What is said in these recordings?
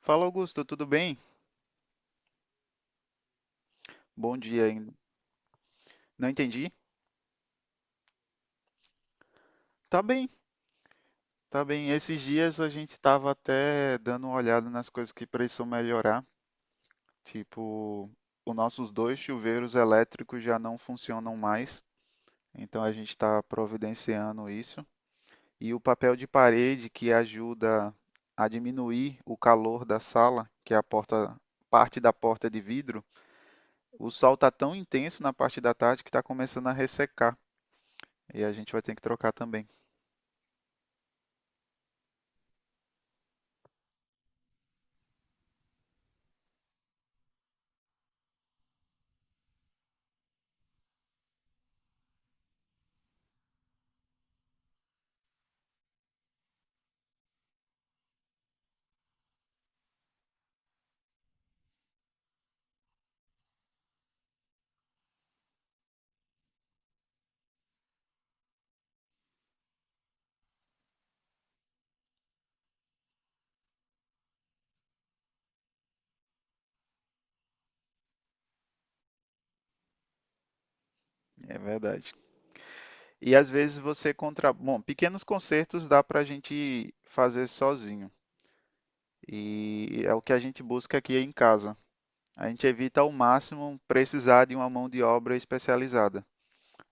Fala, Augusto, tudo bem? Bom dia ainda. Não entendi? Tá bem, tá bem. Esses dias a gente estava até dando uma olhada nas coisas que precisam melhorar. Tipo, os nossos dois chuveiros elétricos já não funcionam mais, então a gente está providenciando isso. E o papel de parede que ajuda a diminuir o calor da sala, que é a porta, parte da porta de vidro, o sol está tão intenso na parte da tarde que está começando a ressecar. E a gente vai ter que trocar também. É verdade. E às vezes você Bom, pequenos concertos dá para a gente fazer sozinho. E é o que a gente busca aqui em casa. A gente evita ao máximo precisar de uma mão de obra especializada.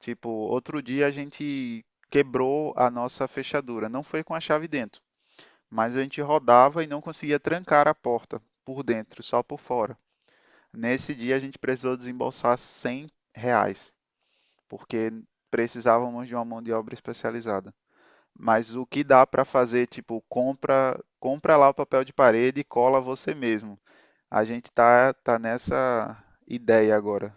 Tipo, outro dia a gente quebrou a nossa fechadura. Não foi com a chave dentro, mas a gente rodava e não conseguia trancar a porta por dentro, só por fora. Nesse dia a gente precisou desembolsar R$ 100, porque precisávamos de uma mão de obra especializada. Mas o que dá para fazer, tipo, compra, compra lá o papel de parede e cola você mesmo. A gente tá nessa ideia agora.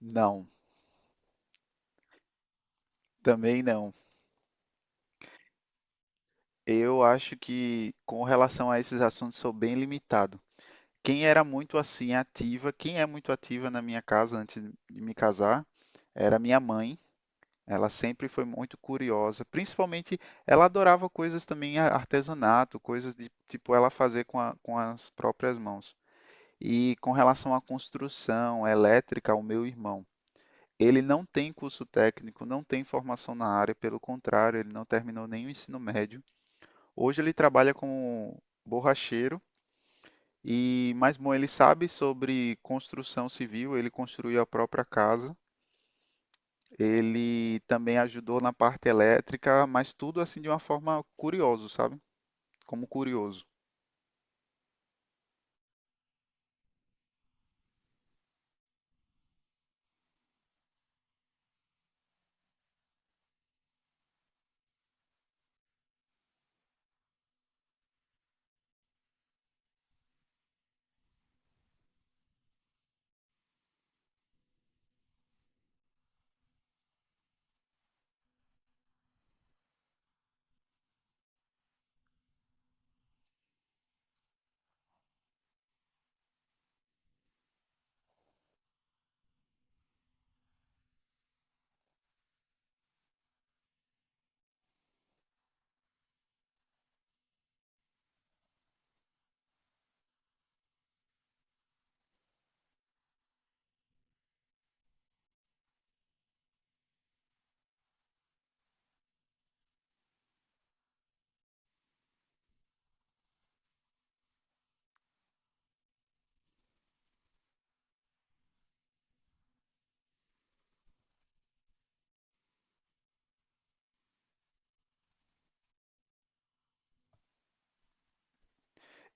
Não, também não. Eu acho que com relação a esses assuntos sou bem limitado. Quem é muito ativa na minha casa antes de me casar, era minha mãe. Ela sempre foi muito curiosa, principalmente ela adorava coisas também artesanato, coisas de tipo ela fazer com as próprias mãos. E com relação à construção elétrica, o meu irmão, ele não tem curso técnico, não tem formação na área, pelo contrário, ele não terminou nenhum ensino médio. Hoje ele trabalha como borracheiro e, mas bom, ele sabe sobre construção civil, ele construiu a própria casa. Ele também ajudou na parte elétrica, mas tudo assim de uma forma curiosa, sabe? Como curioso.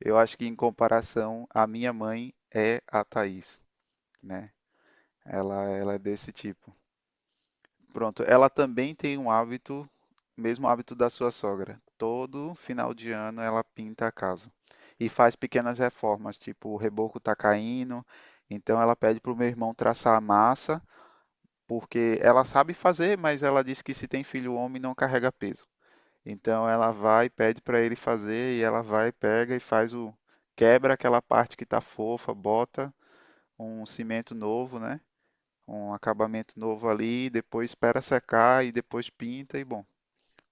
Eu acho que em comparação, a minha mãe é a Thaís, né? Ela é desse tipo. Pronto, ela também tem um hábito, mesmo hábito da sua sogra. Todo final de ano ela pinta a casa e faz pequenas reformas, tipo o reboco tá caindo, então ela pede pro meu irmão traçar a massa, porque ela sabe fazer, mas ela diz que se tem filho homem não carrega peso. Então ela vai e pede para ele fazer e ela vai, pega e faz o quebra aquela parte que tá fofa, bota um cimento novo, né? Um acabamento novo ali, depois espera secar e depois pinta e bom,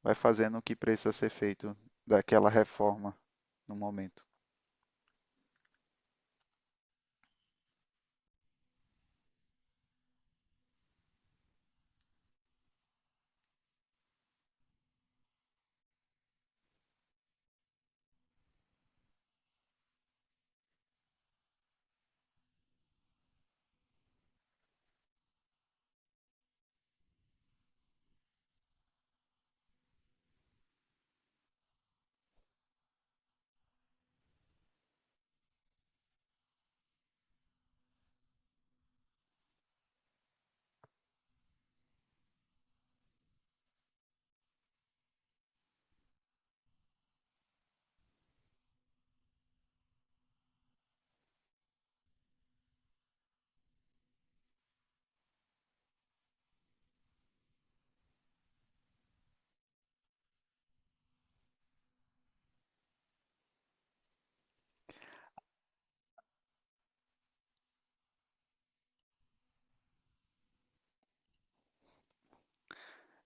vai fazendo o que precisa ser feito daquela reforma no momento.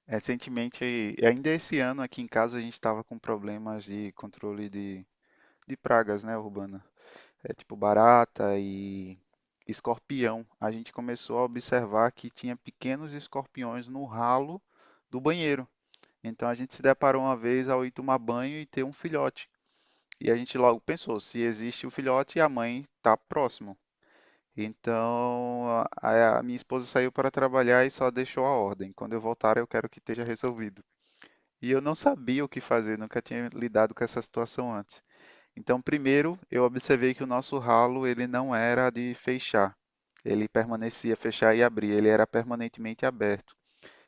Recentemente, ainda esse ano aqui em casa a gente estava com problemas de controle de pragas, né, urbana. É tipo barata e escorpião. A gente começou a observar que tinha pequenos escorpiões no ralo do banheiro. Então a gente se deparou uma vez ao ir tomar banho e ter um filhote. E a gente logo pensou, se existe o filhote, a mãe está próximo. Então, a minha esposa saiu para trabalhar e só deixou a ordem. Quando eu voltar, eu quero que esteja resolvido. E eu não sabia o que fazer, nunca tinha lidado com essa situação antes. Então, primeiro, eu observei que o nosso ralo, ele não era de fechar. Ele permanecia fechar e abrir, ele era permanentemente aberto.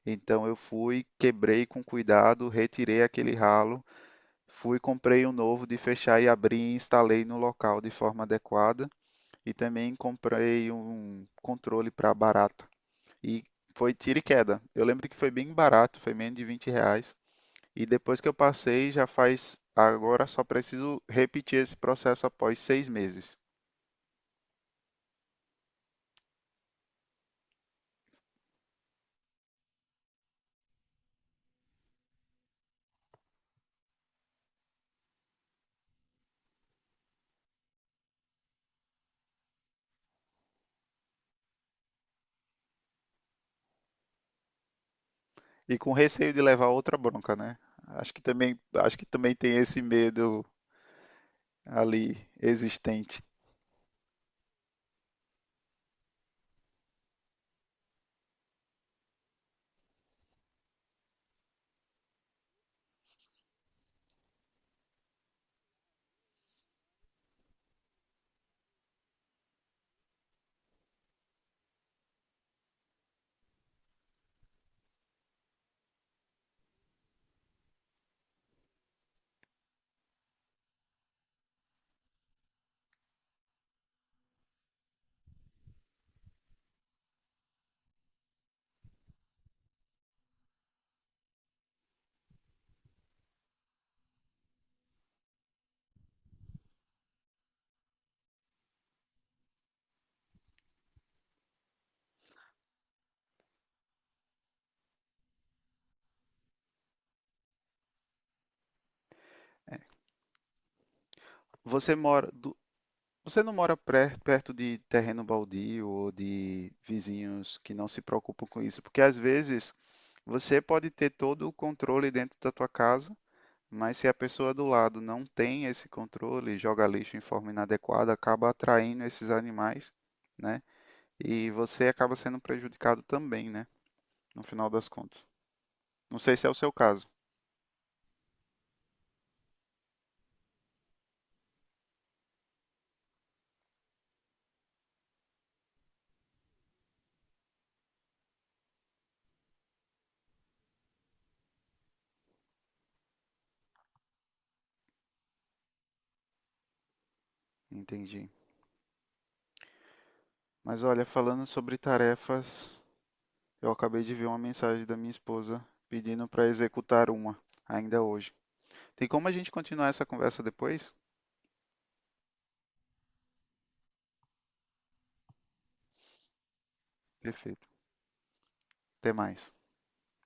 Então eu fui, quebrei com cuidado, retirei aquele ralo. Fui, comprei um novo de fechar e abrir e instalei no local de forma adequada. E também comprei um controle para barata. E foi tiro e queda. Eu lembro que foi bem barato, foi menos de 20 reais. E depois que eu passei, já faz. Agora só preciso repetir esse processo após 6 meses. E com receio de levar outra bronca, né? Acho que também tem esse medo ali existente. Você mora, Você não mora perto de terreno baldio ou de vizinhos que não se preocupam com isso? Porque às vezes você pode ter todo o controle dentro da tua casa, mas se a pessoa do lado não tem esse controle, joga lixo em forma inadequada, acaba atraindo esses animais, né? E você acaba sendo prejudicado também, né? No final das contas. Não sei se é o seu caso. Entendi. Mas olha, falando sobre tarefas, eu acabei de ver uma mensagem da minha esposa pedindo para executar uma, ainda hoje. Tem como a gente continuar essa conversa depois? Perfeito. Até mais.